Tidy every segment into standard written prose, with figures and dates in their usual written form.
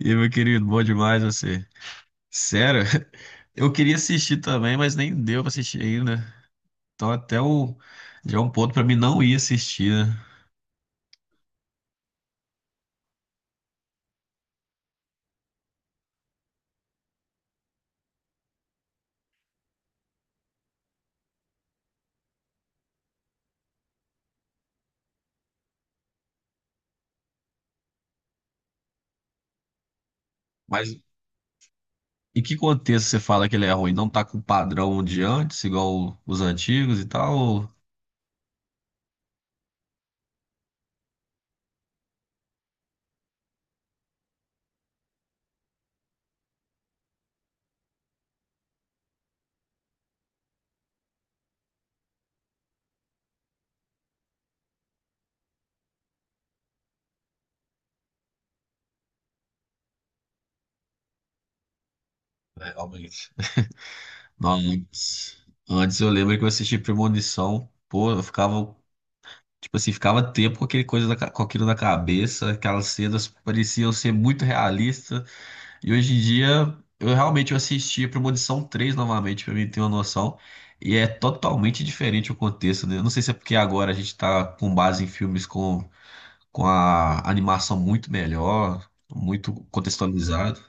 E aí, meu querido, bom demais você. Sério, eu queria assistir também, mas nem deu pra assistir ainda. Então até o já é um ponto pra mim não ir assistir, né? Mas em que contexto você fala que ele é ruim? Não tá com o padrão de antes, igual os antigos e tal? Ou- é, realmente. Não, antes, antes eu lembro que eu assisti Premonição, pô, eu ficava, tipo assim, ficava tempo com aquele coisa da ca- com aquilo na cabeça, aquelas cenas pareciam ser muito realistas. E hoje em dia, eu realmente eu assisti a Premonição três novamente, pra mim ter uma noção. E é totalmente diferente o contexto, né? Eu não sei se é porque agora a gente tá com base em filmes com a animação muito melhor, muito contextualizado.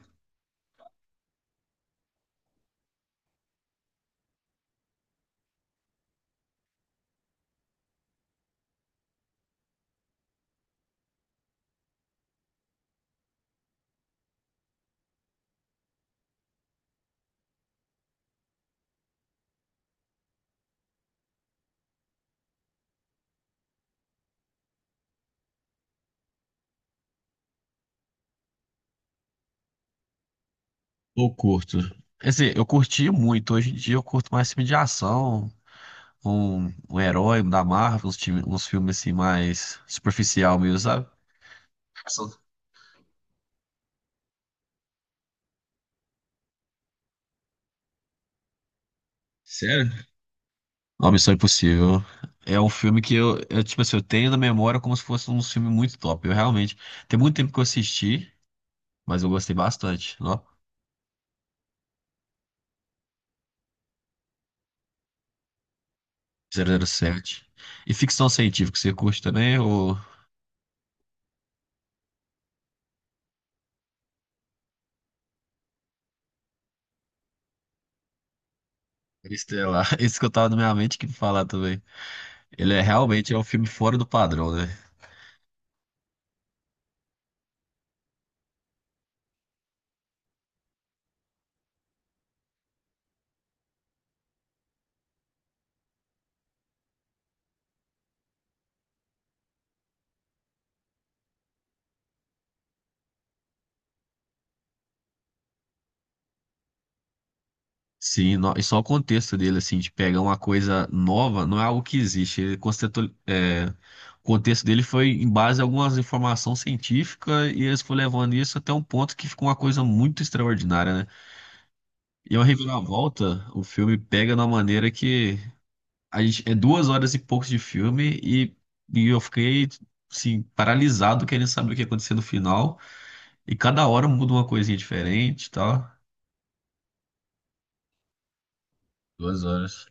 Eu curto. Quer dizer, eu curti muito. Hoje em dia eu curto mais filme de ação, um herói da Marvel, uns, time- uns filmes assim mais superficial mesmo, sabe? Ação. Sério? Uma Missão Impossível. É um filme que eu, tipo assim, eu tenho na memória como se fosse um filme muito top. Eu realmente. Tem muito tempo que eu assisti, mas eu gostei bastante. Ó, zero zero sete. E ficção científica, você curte também? Ou. Interestelar? Esse que eu tava na minha mente que falar também. Ele é realmente é um filme fora do padrão, né? Sim, no- e só o contexto dele, assim, de pegar uma coisa nova, não é algo que existe. Ele constitu- é, o contexto dele foi em base a algumas informações científicas e eles foram levando isso até um ponto que ficou uma coisa muito extraordinária, né? E é uma reviravolta, o filme pega de uma maneira que a gente, é duas horas e poucos de filme e eu fiquei, assim, paralisado querendo saber o que ia acontecer no final. E cada hora muda uma coisinha diferente e tal. Duas horas.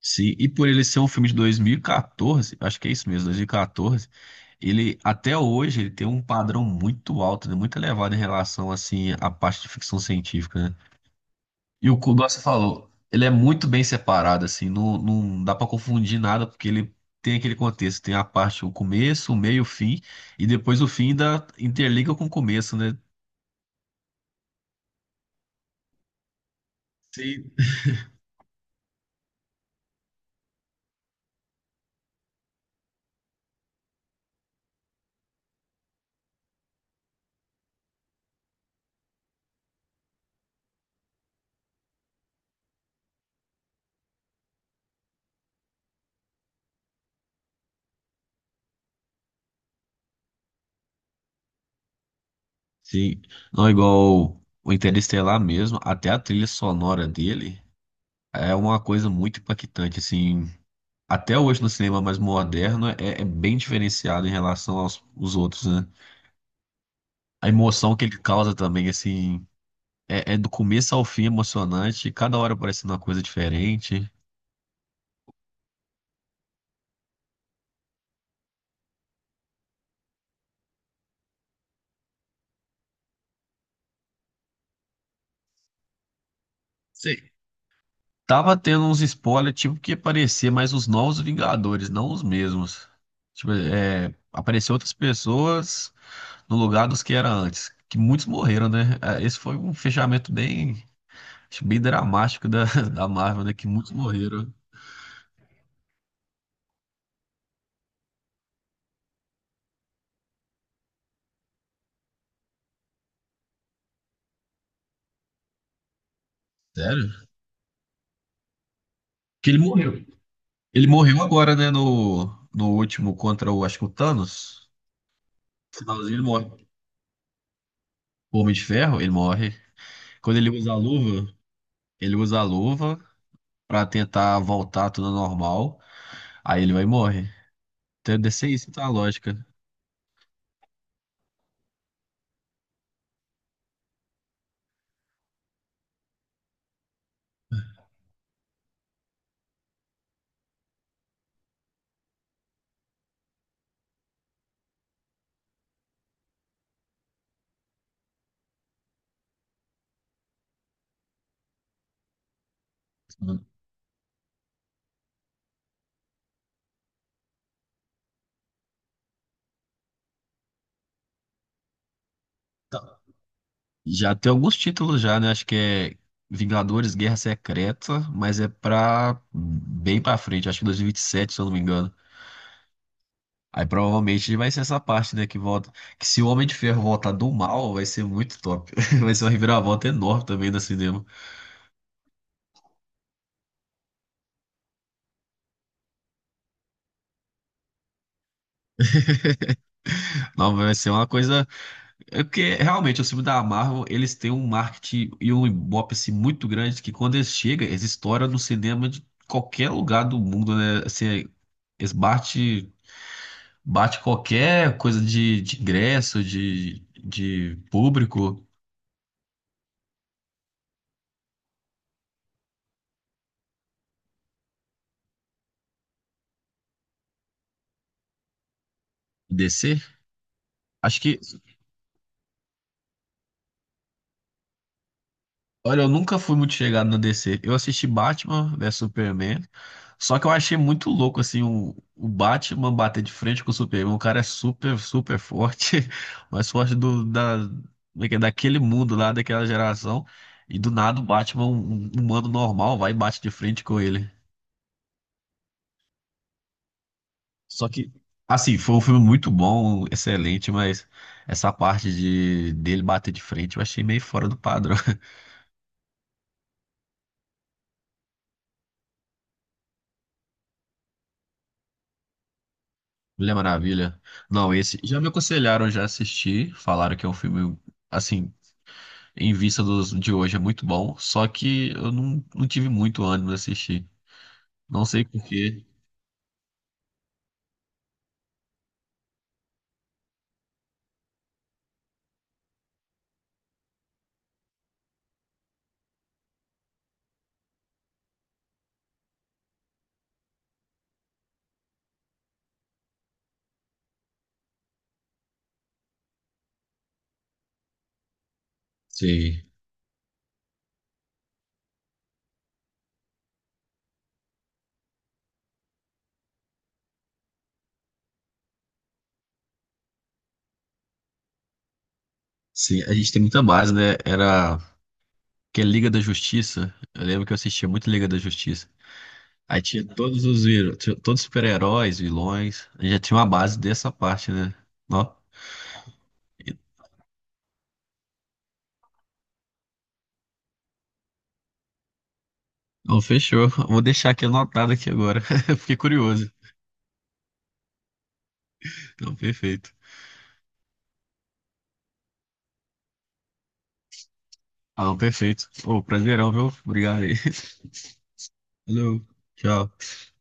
Sim, e por ele ser um filme de 2014, acho que é isso mesmo, 2014, ele até hoje ele tem um padrão muito alto, né, muito elevado em relação assim à parte de ficção científica, né? E o que você falou, ele é muito bem separado assim, não, não dá para confundir nada porque ele tem aquele contexto, tem a parte o começo, o meio, o fim e depois o fim ainda interliga com o começo, né? Sim. Sim, não é igual o Interestelar mesmo, até a trilha sonora dele é uma coisa muito impactante, assim. Até hoje no cinema mais moderno é, é bem diferenciado em relação aos os outros, né? A emoção que ele causa também, assim, é, é do começo ao fim emocionante, cada hora parecendo uma coisa diferente. Sei. Tava tendo uns spoilers, tipo, que aparecer mais os novos Vingadores, não os mesmos. Tipo, é, apareceu outras pessoas no lugar dos que era antes, que muitos morreram, né? É, esse foi um fechamento bem, acho, bem dramático da, da Marvel, né? Que muitos morreram. Sério? Que ele morreu. Ele morreu agora, né? No, no último contra o, acho que o Thanos. No finalzinho ele morre. O Homem de Ferro, ele morre. Quando ele usa a luva, ele usa a luva pra tentar voltar tudo ao normal. Aí ele vai e morre. Então deve ser isso, tá a lógica. Tá. Já tem alguns títulos já, né? Acho que é Vingadores Guerra Secreta, mas é pra bem pra frente. Acho que 2027, se eu não me engano. Aí provavelmente vai ser essa parte, né, que volta. Que se o Homem de Ferro voltar do mal, vai ser muito top. Vai ser uma reviravolta enorme também no cinema. Não, vai ser uma coisa. É porque realmente, os filmes da Marvel, eles têm um marketing e um ibope assim, muito grande que quando eles chegam, eles estouram no cinema de qualquer lugar do mundo, né? Assim, eles bate, bate qualquer coisa de ingresso, de público, DC. Acho que olha, eu nunca fui muito chegado na DC. Eu assisti Batman vs Superman, só que eu achei muito louco, assim, o Batman bater de frente com o Superman. O cara é super, super forte, mais forte do, da, como é que é? Daquele mundo lá, daquela geração. E do nada o Batman, um humano normal, vai e bate de frente com ele. Só que, assim, foi um filme muito bom, excelente, mas essa parte de dele bater de frente eu achei meio fora do padrão. Mulher Maravilha. Não, esse já me aconselharam, já assisti, falaram que é um filme assim, em vista dos de hoje é muito bom, só que eu não, não tive muito ânimo de assistir. Não sei por quê. Sim. Sim, a gente tem muita base, né? Era que é Liga da Justiça. Eu lembro que eu assistia muito Liga da Justiça. Aí tinha todos os vilões, todos os super-heróis, vilões. A gente já tinha uma base dessa parte, né? Ó, então fechou. Vou deixar aqui anotado aqui agora. Fiquei curioso. Então, perfeito. Ah, perfeito. Ô, prazerão, viu? Obrigado aí. Valeu. Tchau.